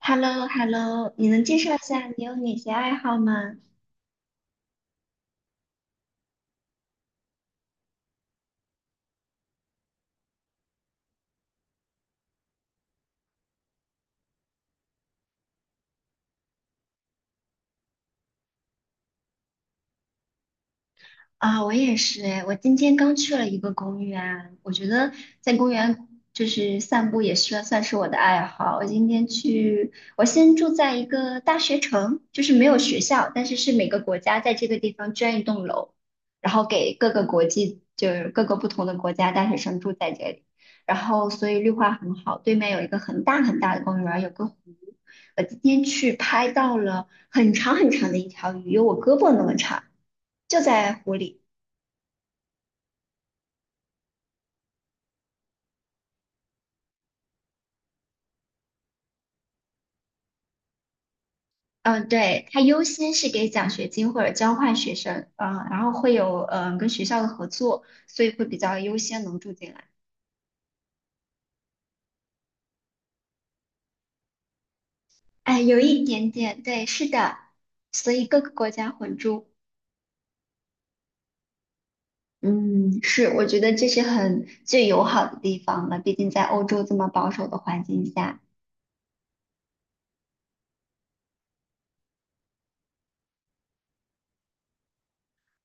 h e l l o h e l l o 你能介绍一下你有哪些爱好吗？啊，我也是哎，我今天刚去了一个公园，我觉得在公园就是散步也是算是我的爱好。我今天去，我先住在一个大学城，就是没有学校，但是是每个国家在这个地方捐一栋楼，然后给各个国际，就是各个不同的国家大学生住在这里，然后所以绿化很好，对面有一个很大很大的公园，有个湖。我今天去拍到了很长很长的一条鱼，有我胳膊那么长。就在湖里。嗯，对，它优先是给奖学金或者交换学生，嗯，然后会有跟学校的合作，所以会比较优先能住进来。哎，有一点点，对，是的，所以各个国家混住。嗯，是，我觉得这是很最友好的地方了。毕竟在欧洲这么保守的环境下，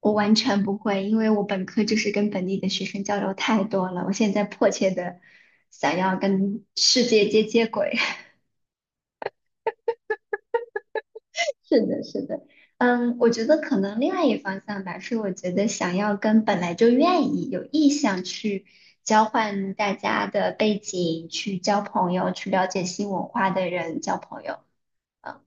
我完全不会，因为我本科就是跟本地的学生交流太多了，我现在迫切的想要跟世界接轨。是的，是的，嗯，我觉得可能另外一方向吧，是我觉得想要跟本来就愿意有意向去交换大家的背景，去交朋友，去了解新文化的人交朋友。嗯，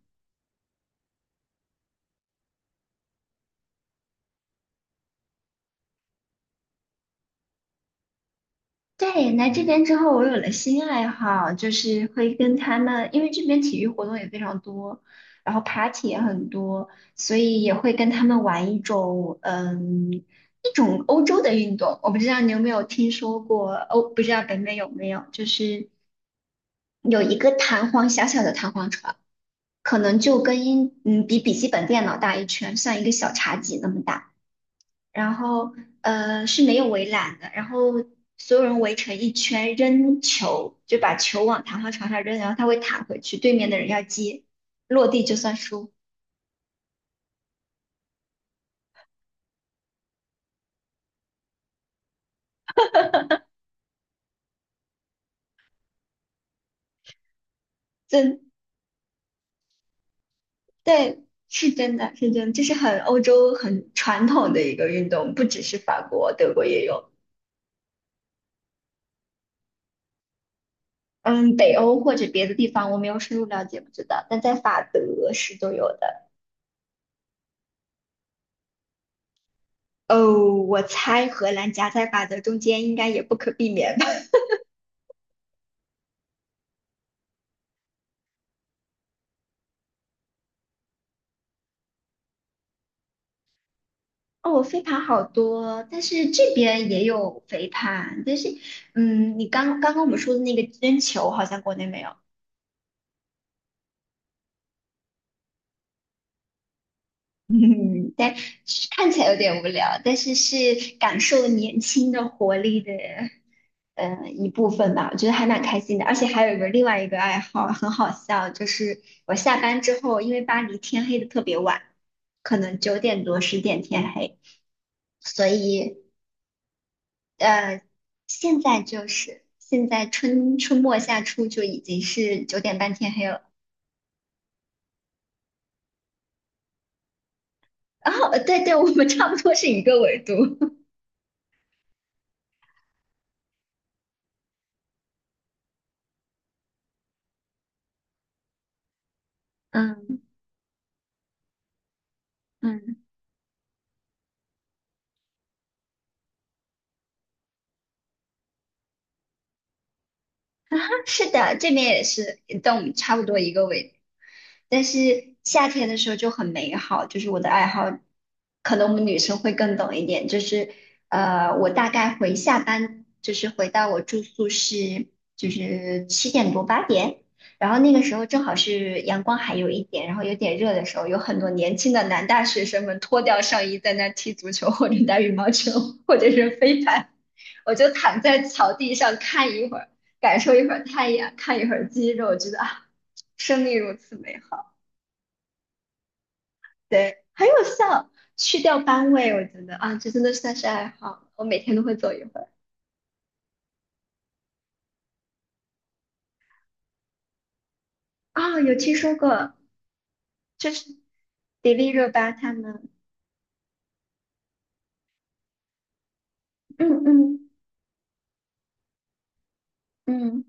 对，来这边之后，我有了新爱好，就是会跟他们，因为这边体育活动也非常多，然后 party 也很多，所以也会跟他们玩一种，嗯，一种欧洲的运动。我不知道你有没有听说过，不知道北美有没有，就是有一个弹簧，小小的弹簧床，可能就跟英，嗯，比笔记本电脑大一圈，像一个小茶几那么大。然后是没有围栏的，然后所有人围成一圈扔球，就把球往弹簧床上扔，然后它会弹回去，对面的人要接，落地就算输。真，对，是真的，是真的，这是很欧洲很传统的一个运动，不只是法国，德国也有。嗯，北欧或者别的地方我没有深入了解，不知道，但在法德是都有的。哦，我猜荷兰夹在法德中间应该也不可避免吧。哦，飞盘好多，但是这边也有飞盘，但是，嗯，你刚刚我们说的那个扔球好像国内没有。嗯，但是看起来有点无聊，但是是感受年轻的活力的，一部分吧，我觉得还蛮开心的，而且还有一个另外一个爱好很好笑，就是我下班之后，因为巴黎天黑的特别晚，可能9点多10点天黑。所以。呃，现在春末夏初就已经是9点半天黑了。然后，对对，我们差不多是一个纬度。嗯嗯。是的，这边也是，但我们差不多一个纬度。但是夏天的时候就很美好，就是我的爱好，可能我们女生会更懂一点。就是我大概回下班，就是回到我住宿是就是7点多8点，然后那个时候正好是阳光还有一点，然后有点热的时候，有很多年轻的男大学生们脱掉上衣在那踢足球或者打羽毛球或者是飞盘，我就躺在草地上看一会儿。感受一会儿太阳，看一会儿鸡肉，觉得啊，生命如此美好。对，很有效，去掉班味，我觉得啊，这真的算是爱好，我每天都会走一会儿。啊，有听说过，就是迪丽热巴他们。嗯嗯嗯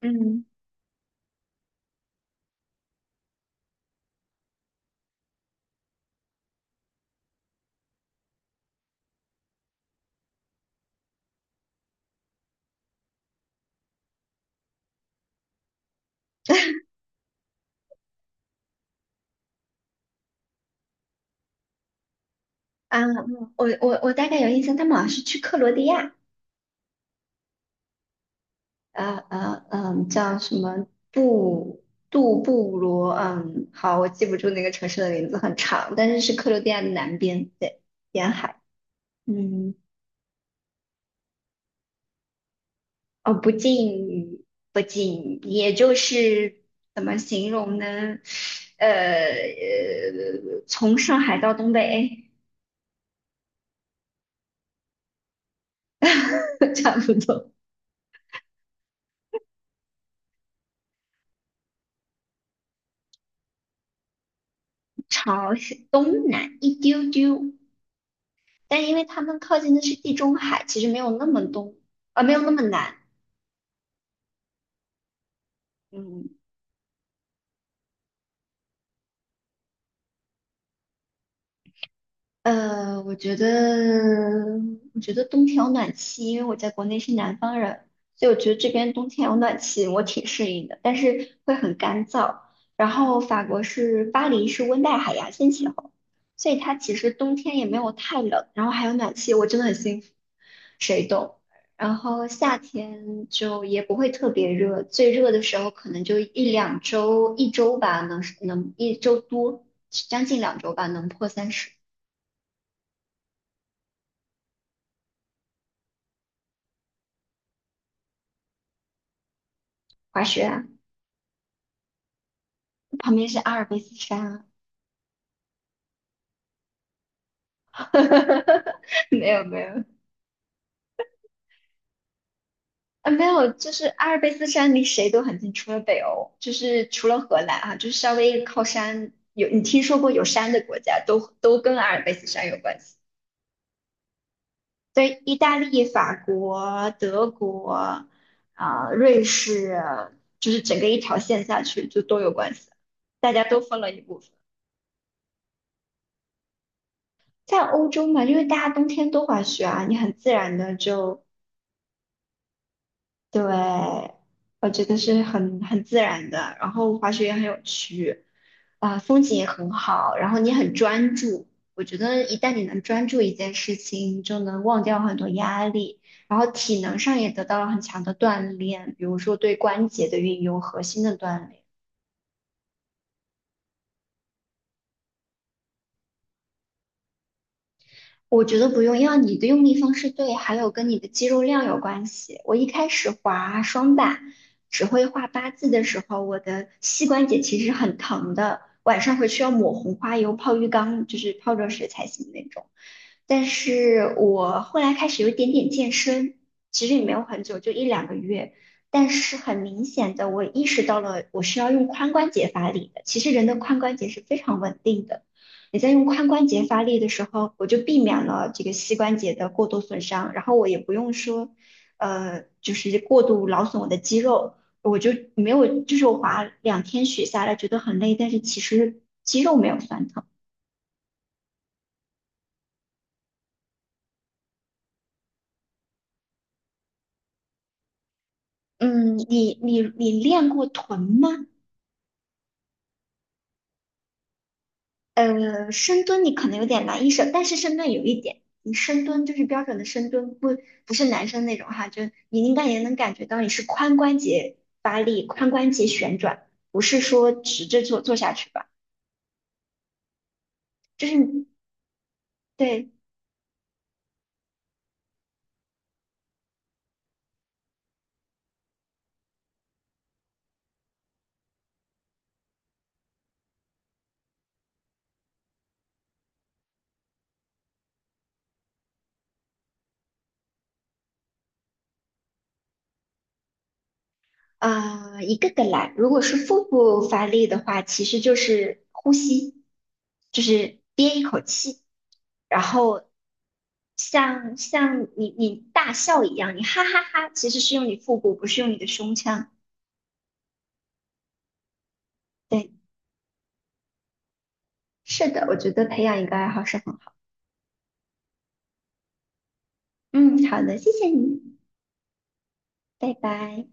嗯，啊，我大概有印象，他们好像是去克罗地亚。叫什么布杜布罗，嗯，好，我记不住那个城市的名字，很长，但是是克罗地亚的南边，对，沿海。嗯，哦，不近不近，也就是怎么形容呢？从上海到东北。差不多。朝东南一丢丢，但因为他们靠近的是地中海，其实没有那么东，没有那么难。嗯。呃，我觉得，我觉得冬天有暖气，因为我在国内是南方人，所以我觉得这边冬天有暖气，我挺适应的，但是会很干燥。然后法国是巴黎是温带海洋性气候，所以它其实冬天也没有太冷，然后还有暖气，我真的很幸福，谁懂？然后夏天就也不会特别热，最热的时候可能就1~2周，一周吧，能一周多，将近两周吧，能破30。滑雪啊，旁边是阿尔卑斯山啊。没有没有，啊，没有，就是阿尔卑斯山离谁都很近，除了北欧，就是除了荷兰啊，就是稍微靠山有你听说过有山的国家都跟阿尔卑斯山有关系，对，意大利、法国、德国啊、瑞士，就是整个一条线下去就都有关系，大家都分了一部分。在欧洲嘛，因为大家冬天都滑雪啊，你很自然的就对，我觉得是很自然的，然后滑雪也很有趣，啊、风景也很好，然后你很专注。我觉得一旦你能专注一件事情，你就能忘掉很多压力，然后体能上也得到了很强的锻炼，比如说对关节的运用、核心的锻炼。我觉得不用，要你的用力方式对，还有跟你的肌肉量有关系。我一开始滑双板，只会画八字的时候，我的膝关节其实很疼的，晚上回去要抹红花油泡浴缸，就是泡热水才行那种。但是我后来开始有一点点健身，其实也没有很久，就1~2个月。但是很明显的，我意识到了我需要用髋关节发力的。其实人的髋关节是非常稳定的。你在用髋关节发力的时候，我就避免了这个膝关节的过度损伤，然后我也不用说，就是过度劳损我的肌肉，我就没有，就是我滑2天雪下来觉得很累，但是其实肌肉没有酸疼。嗯，你练过臀吗？深蹲你可能有点难一手，但是深蹲有一点，你深蹲就是标准的深蹲，不是男生那种哈，就你应该也能感觉到你是髋关节发力、髋关节旋转，不是说直着做下去吧，就是你对。一个个来。如果是腹部发力的话，其实就是呼吸，就是憋一口气，然后像你大笑一样，你哈哈哈，其实是用你腹部，不是用你的胸腔。对，是的，我觉得培养一个爱好是很好。嗯，好的，谢谢你，拜拜。